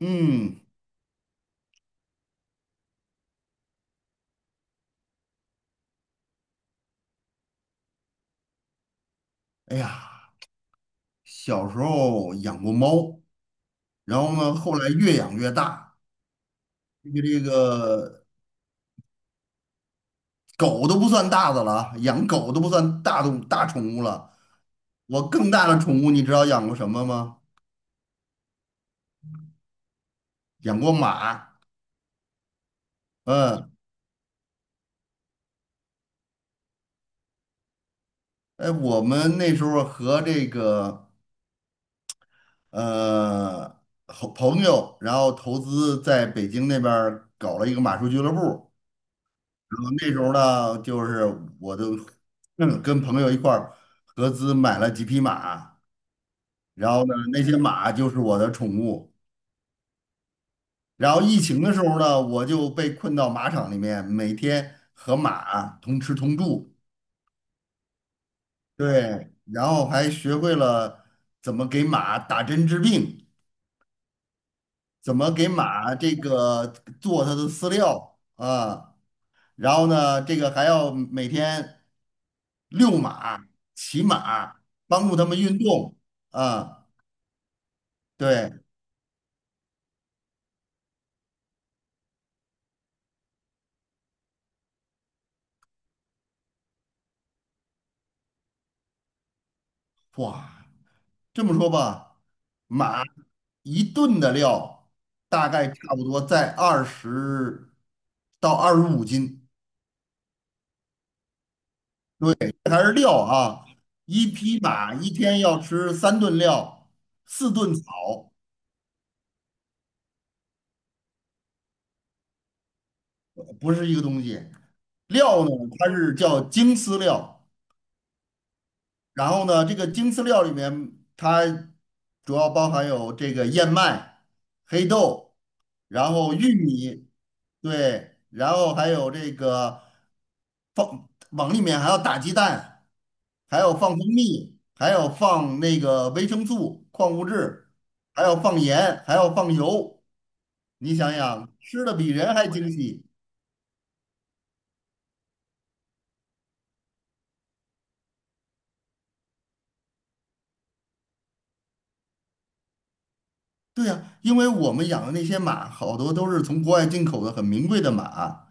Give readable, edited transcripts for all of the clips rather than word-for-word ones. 嗯，哎呀，小时候养过猫，然后呢，后来越养越大，这个狗都不算大的了啊，养狗都不算大的大宠物了。我更大的宠物，你知道养过什么吗？养过马。嗯，哎，我们那时候和这个呃好朋友，然后投资在北京那边儿搞了一个马术俱乐部。然后那时候呢，就是我都跟朋友一块儿合资买了几匹马，然后呢，那些马就是我的宠物。然后疫情的时候呢，我就被困到马场里面，每天和马同吃同住，对，然后还学会了怎么给马打针治病，怎么给马这个做它的饲料啊。然后呢，这个还要每天遛马、骑马，帮助他们运动啊。对，哇，这么说吧，马一顿的料大概差不多在20到25斤，对，这还是料啊。一匹马一天要吃三顿料，四顿草，不是一个东西。料呢，它是叫精饲料。然后呢，这个精饲料里面它主要包含有这个燕麦、黑豆，然后玉米，对，然后还有这个放往里面还要打鸡蛋，还要放蜂蜜，还要放那个维生素、矿物质，还要放盐，还要放油。你想想，吃的比人还精细。对呀，因为我们养的那些马，好多都是从国外进口的很名贵的马。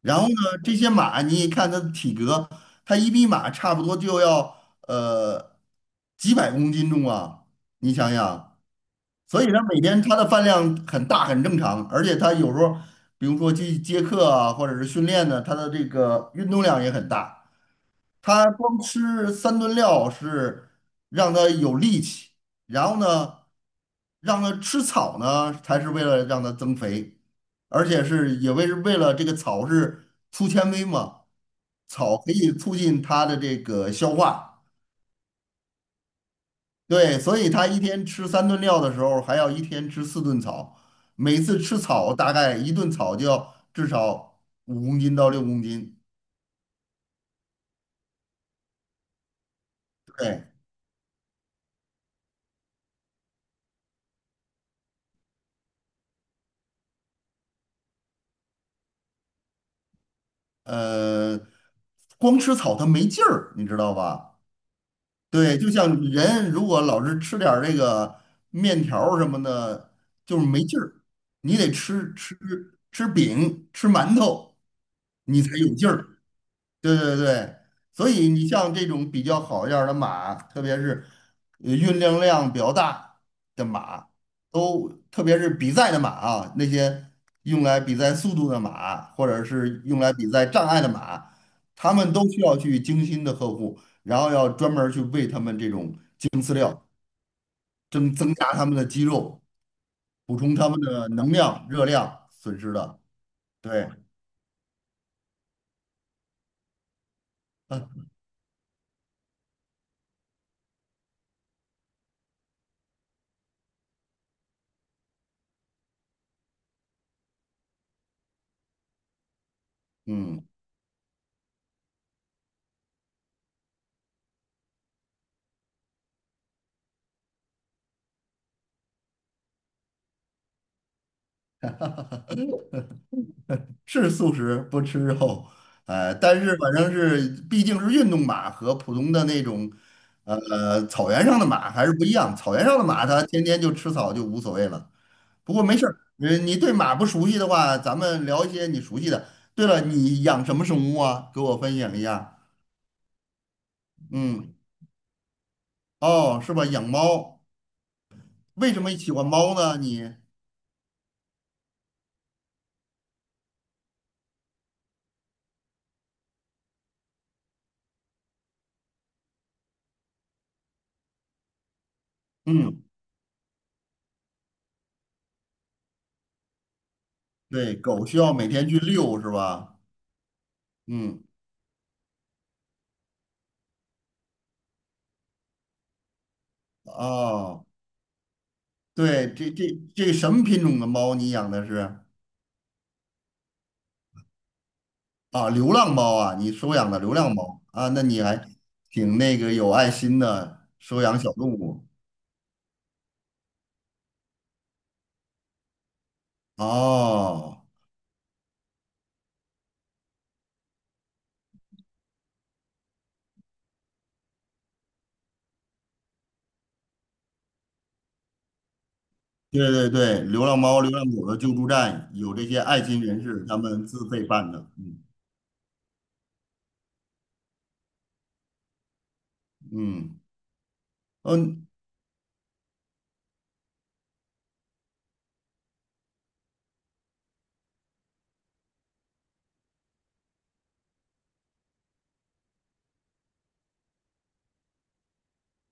然后呢，这些马你一看它的体格，它一匹马差不多就要呃几百公斤重啊，你想想，所以它每天它的饭量很大很正常，而且它有时候比如说去接客啊，或者是训练呢，它的这个运动量也很大。他光吃三顿料是让他有力气，然后呢，让他吃草呢，才是为了让他增肥，而且是也为是为了这个草是粗纤维嘛，草可以促进他的这个消化，对，所以他一天吃三顿料的时候，还要一天吃四顿草，每次吃草大概一顿草就要至少5公斤到6公斤，对。呃，光吃草它没劲儿，你知道吧？对，就像人如果老是吃点儿这个面条儿什么的，就是没劲儿。你得吃饼、吃馒头，你才有劲儿。对对对，所以你像这种比较好一点儿的马，特别是运动量比较大的马，都特别是比赛的马啊，那些用来比赛速度的马，或者是用来比赛障碍的马，他们都需要去精心的呵护，然后要专门儿去喂他们这种精饲料，增加他们的肌肉，补充他们的能量、热量损失的。对，嗯。是素食，不吃肉，但是反正是毕竟是运动马和普通的那种，草原上的马还是不一样。草原上的马它天天就吃草就无所谓了。不过没事儿，你对马不熟悉的话，咱们聊一些你熟悉的。对了，你养什么生物啊？给我分享一下。嗯，哦，是吧？养猫，为什么喜欢猫呢？你，嗯，对，狗需要每天去遛是吧？嗯，哦。对，这什么品种的猫你养的是？啊，流浪猫啊，你收养的流浪猫啊，那你还挺那个有爱心的，收养小动物。哦，对对对，流浪猫、流浪狗的救助站有这些爱心人士他们自费办的。嗯嗯嗯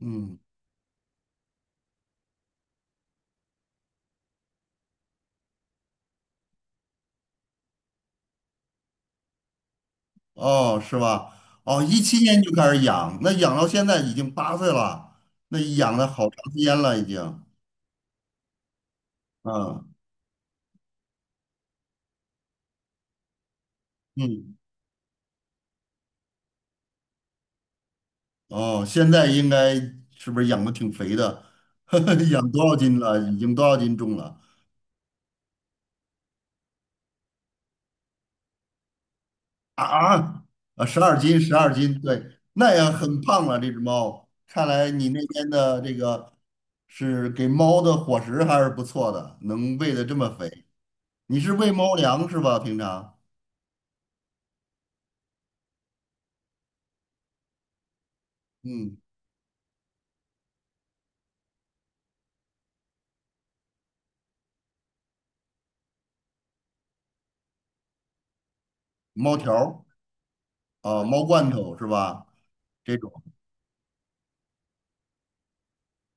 嗯，哦，是吧？哦，2017年就开始养，那养到现在已经8岁了，那养了好长时间了，已经。嗯嗯，哦，现在应该是不是养的挺肥的？养多少斤了？已经多少斤重了？啊啊啊！十二斤，十二斤，对，那也很胖了。这只猫，看来你那边的这个是给猫的伙食还是不错的，能喂的这么肥。你是喂猫粮是吧？平常，嗯，猫条儿啊，猫罐头是吧？这种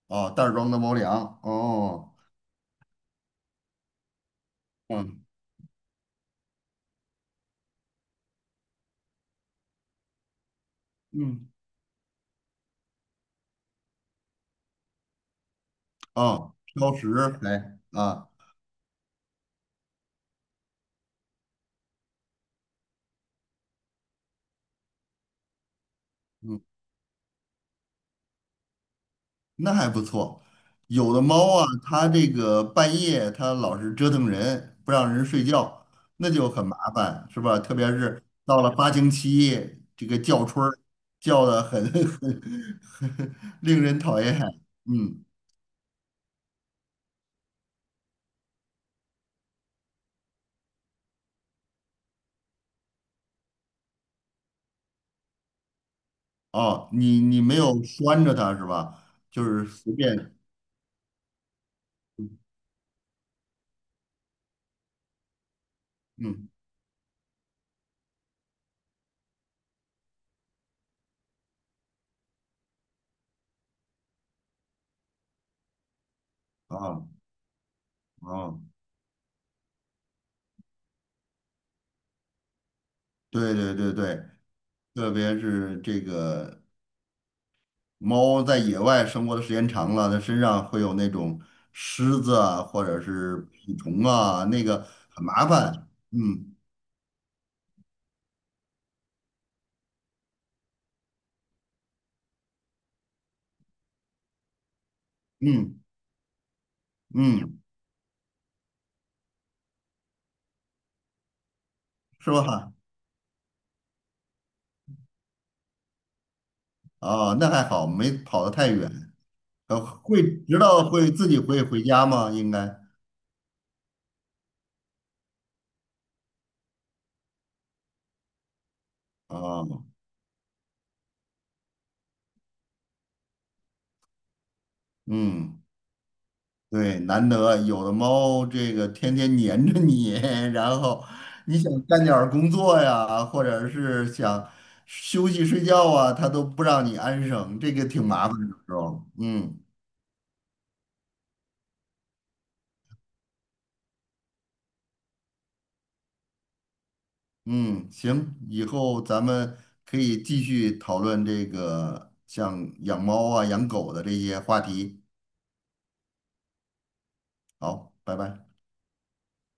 啊，袋儿装的猫粮。哦，嗯嗯，啊，哦挑食还啊。嗯，那还不错。有的猫啊，它这个半夜它老是折腾人，不让人睡觉，那就很麻烦，是吧？特别是到了发情期，这个叫春儿叫的很 很很令人讨厌。嗯，哦，你没有拴着它是吧？就是随便，嗯，啊哦、啊哦，对对对对，特别是这个。猫在野外生活的时间长了，它身上会有那种虱子啊，或者是蜱虫啊，那个很麻烦。嗯嗯嗯，是吧？啊，那还好，没跑得太远。会知道会自己会回家吗？应该啊，嗯。对，难得有的猫，这个天天黏着你，然后你想干点儿工作呀，或者是想休息睡觉啊，它都不让你安生，这个挺麻烦的时候。嗯嗯，行，以后咱们可以继续讨论这个像养猫啊、养狗的这些话题。好，拜拜。